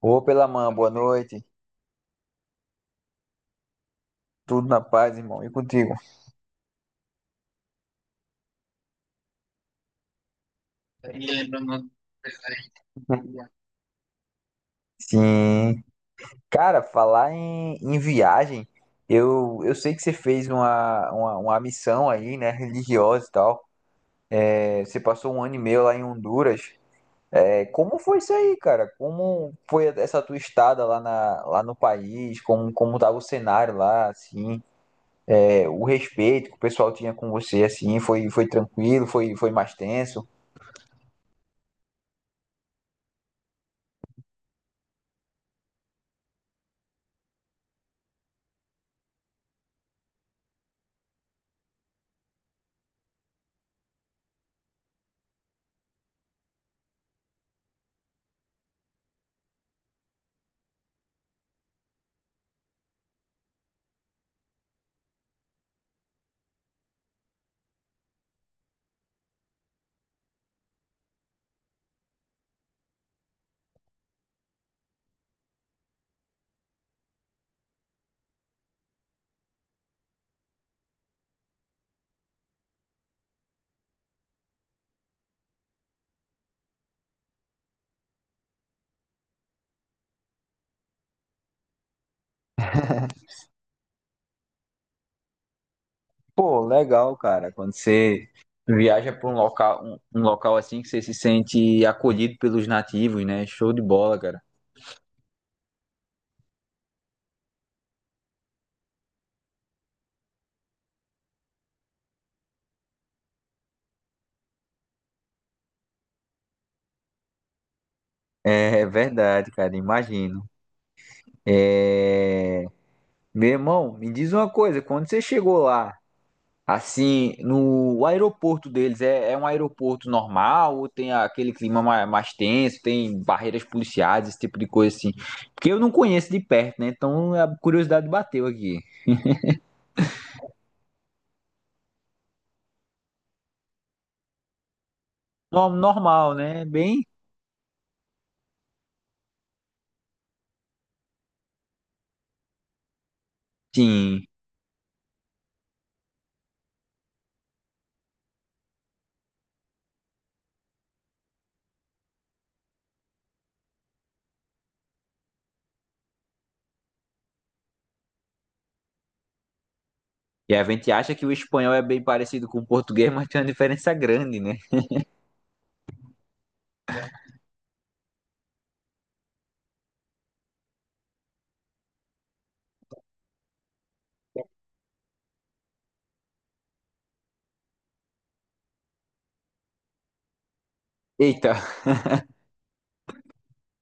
Ô, pela mãe. Boa noite. Tudo na paz, irmão. E contigo? Sim. Cara, falar em viagem, eu sei que você fez uma missão aí, né, religiosa e tal. É, você passou um ano e meio lá em Honduras. É, como foi isso aí, cara? Como foi essa tua estada lá, lá no país? Como tava o cenário lá, assim? É, o respeito que o pessoal tinha com você, assim, foi tranquilo? Foi mais tenso? Pô, legal, cara. Quando você viaja para um local, um local assim que você se sente acolhido pelos nativos, né? Show de bola, cara. É verdade, cara. Imagino. É... Meu irmão, me diz uma coisa. Quando você chegou lá, assim, no o aeroporto deles, é um aeroporto normal ou tem aquele clima mais, tenso? Tem barreiras policiais, esse tipo de coisa assim? Porque eu não conheço de perto, né? Então a curiosidade bateu aqui. Normal, né? Bem, sim. E a gente acha que o espanhol é bem parecido com o português, mas tem uma diferença grande, né? Eita,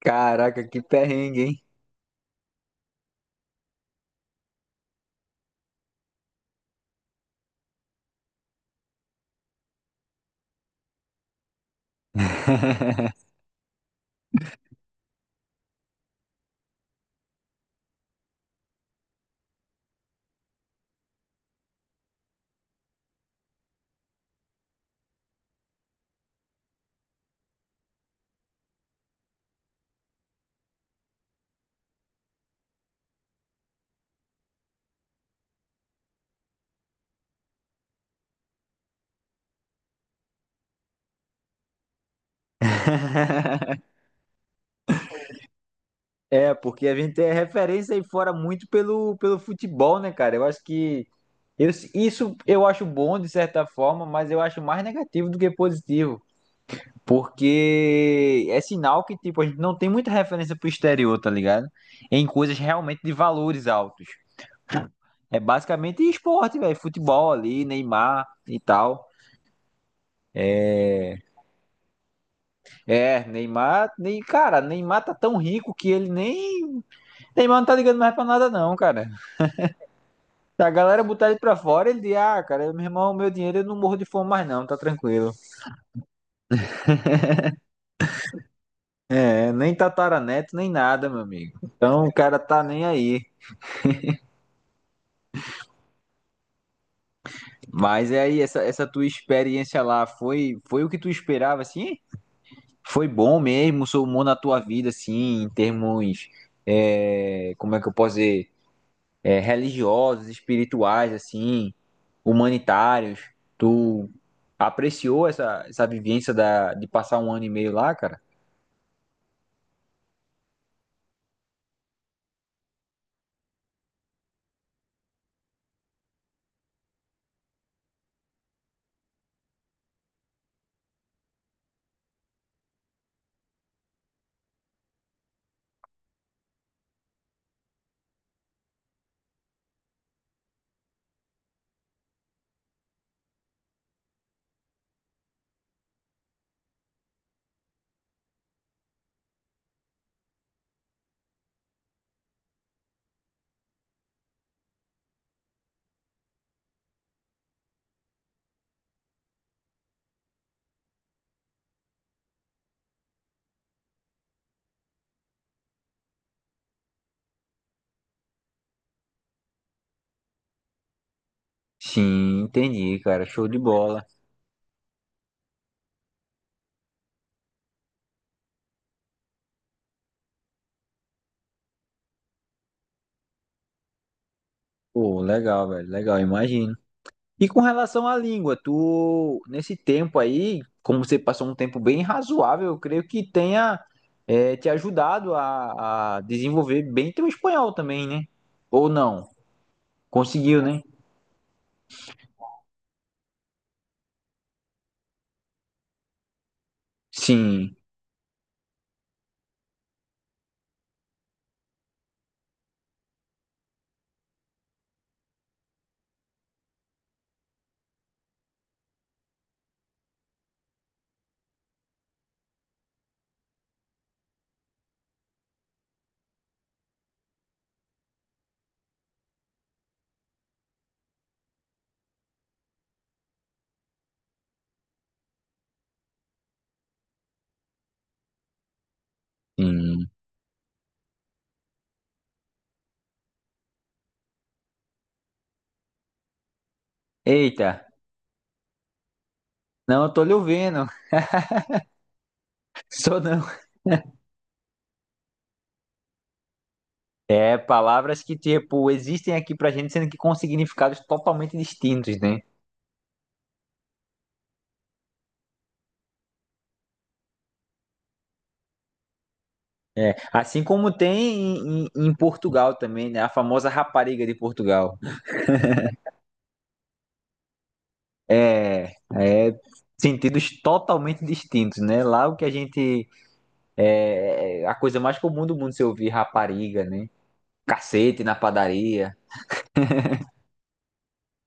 caraca, que perrengue, hein? É, porque a gente é referência aí fora muito pelo futebol, né, cara? Eu acho que isso eu acho bom de certa forma, mas eu acho mais negativo do que positivo. Porque é sinal que, tipo, a gente não tem muita referência pro exterior, tá ligado? Em coisas realmente de valores altos. É basicamente esporte, velho. Futebol ali, Neymar e tal. É, Neymar, nem, cara, Neymar tá tão rico que ele nem. Neymar não tá ligando mais pra nada, não, cara. Se a galera botar ele pra fora, ele diz, ah, cara, meu irmão, meu dinheiro eu não morro de fome mais, não, tá tranquilo. É, nem tataraneto, nem nada, meu amigo. Então o cara tá nem aí. Mas é aí, essa tua experiência lá foi, o que tu esperava, assim? Foi bom mesmo, somou na tua vida, assim, em termos. Como é que eu posso dizer? Religiosos, espirituais, assim, humanitários. Tu apreciou essa vivência de passar um ano e meio lá, cara? Sim, entendi, cara. Show de bola. Pô, legal, velho. Legal, imagino. E com relação à língua, tu, nesse tempo aí, como você passou um tempo bem razoável, eu creio que tenha, te ajudado a desenvolver bem teu espanhol também, né? Ou não? Conseguiu, né? Sim, sim. Eita. Não, eu tô lhe ouvindo. Sou não. É, palavras que, tipo, existem aqui pra gente, sendo que com significados totalmente distintos, né? É, assim como tem em Portugal também, né? A famosa rapariga de Portugal. É, é sentidos totalmente distintos, né? Lá o que a gente é é a coisa mais comum do mundo se ouvir rapariga, né? Cacete na padaria,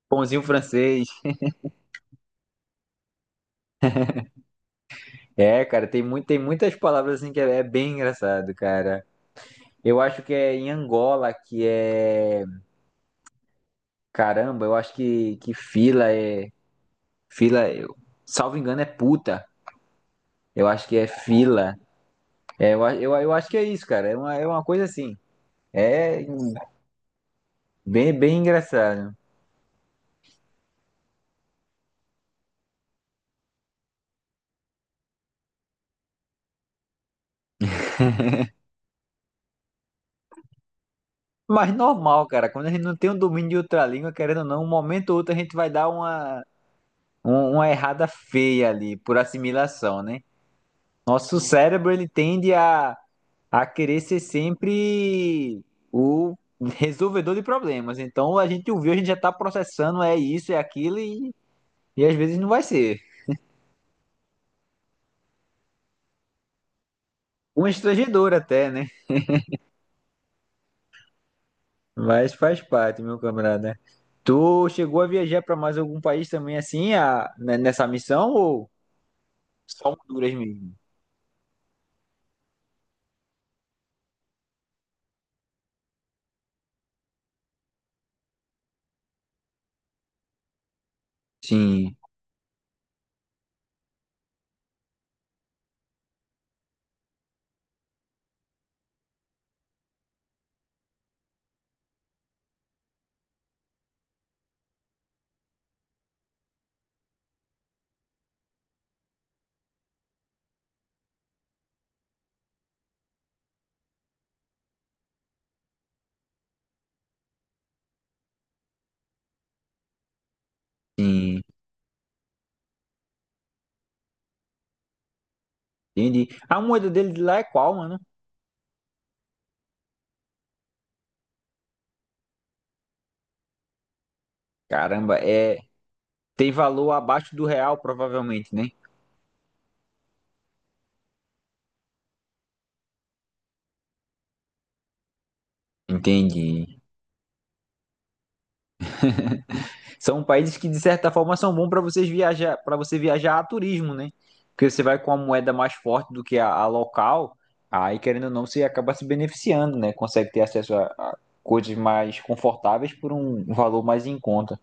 pãozinho francês. É, cara, tem muitas palavras assim que é bem engraçado, cara. Eu acho que é em Angola que é. Caramba, eu acho que fila é. Fila, eu, salvo engano, é puta. Eu acho que é fila. É, eu acho que é isso, cara. É uma coisa assim. É bem, bem engraçado. Mas normal, cara. Quando a gente não tem um domínio de outra língua, querendo ou não, um momento ou outro a gente vai dar uma errada feia ali, por assimilação, né? Nosso cérebro, ele tende a querer ser sempre o resolvedor de problemas. Então a gente ouviu, a gente já está processando, é isso, é aquilo, e às vezes não vai ser. Um estrangedor até, né? Mas faz parte, meu camarada. Tu chegou a viajar para mais algum país também assim, a, né, nessa missão, ou só Honduras mesmo? Sim, sim, entendi. A moeda dele de lá é qual, mano? Caramba, é. Tem valor abaixo do real, provavelmente, né? Entendi. São países que, de certa forma, são bons para você viajar a turismo, né? Porque você vai com a moeda mais forte do que a local, aí querendo ou não, você acaba se beneficiando, né? Consegue ter acesso a coisas mais confortáveis por um valor mais em conta.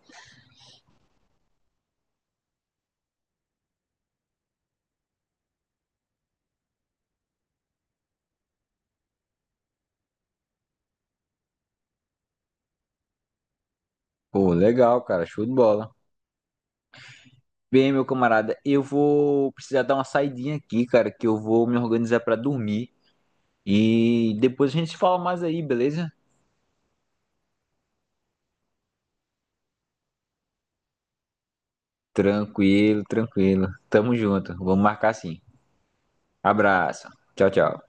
Pô, legal, cara, show de bola. Bem, meu camarada, eu vou precisar dar uma saidinha aqui, cara, que eu vou me organizar para dormir e depois a gente se fala mais aí, beleza? Tranquilo, tranquilo. Tamo junto. Vamos marcar sim. Abraço. Tchau, tchau.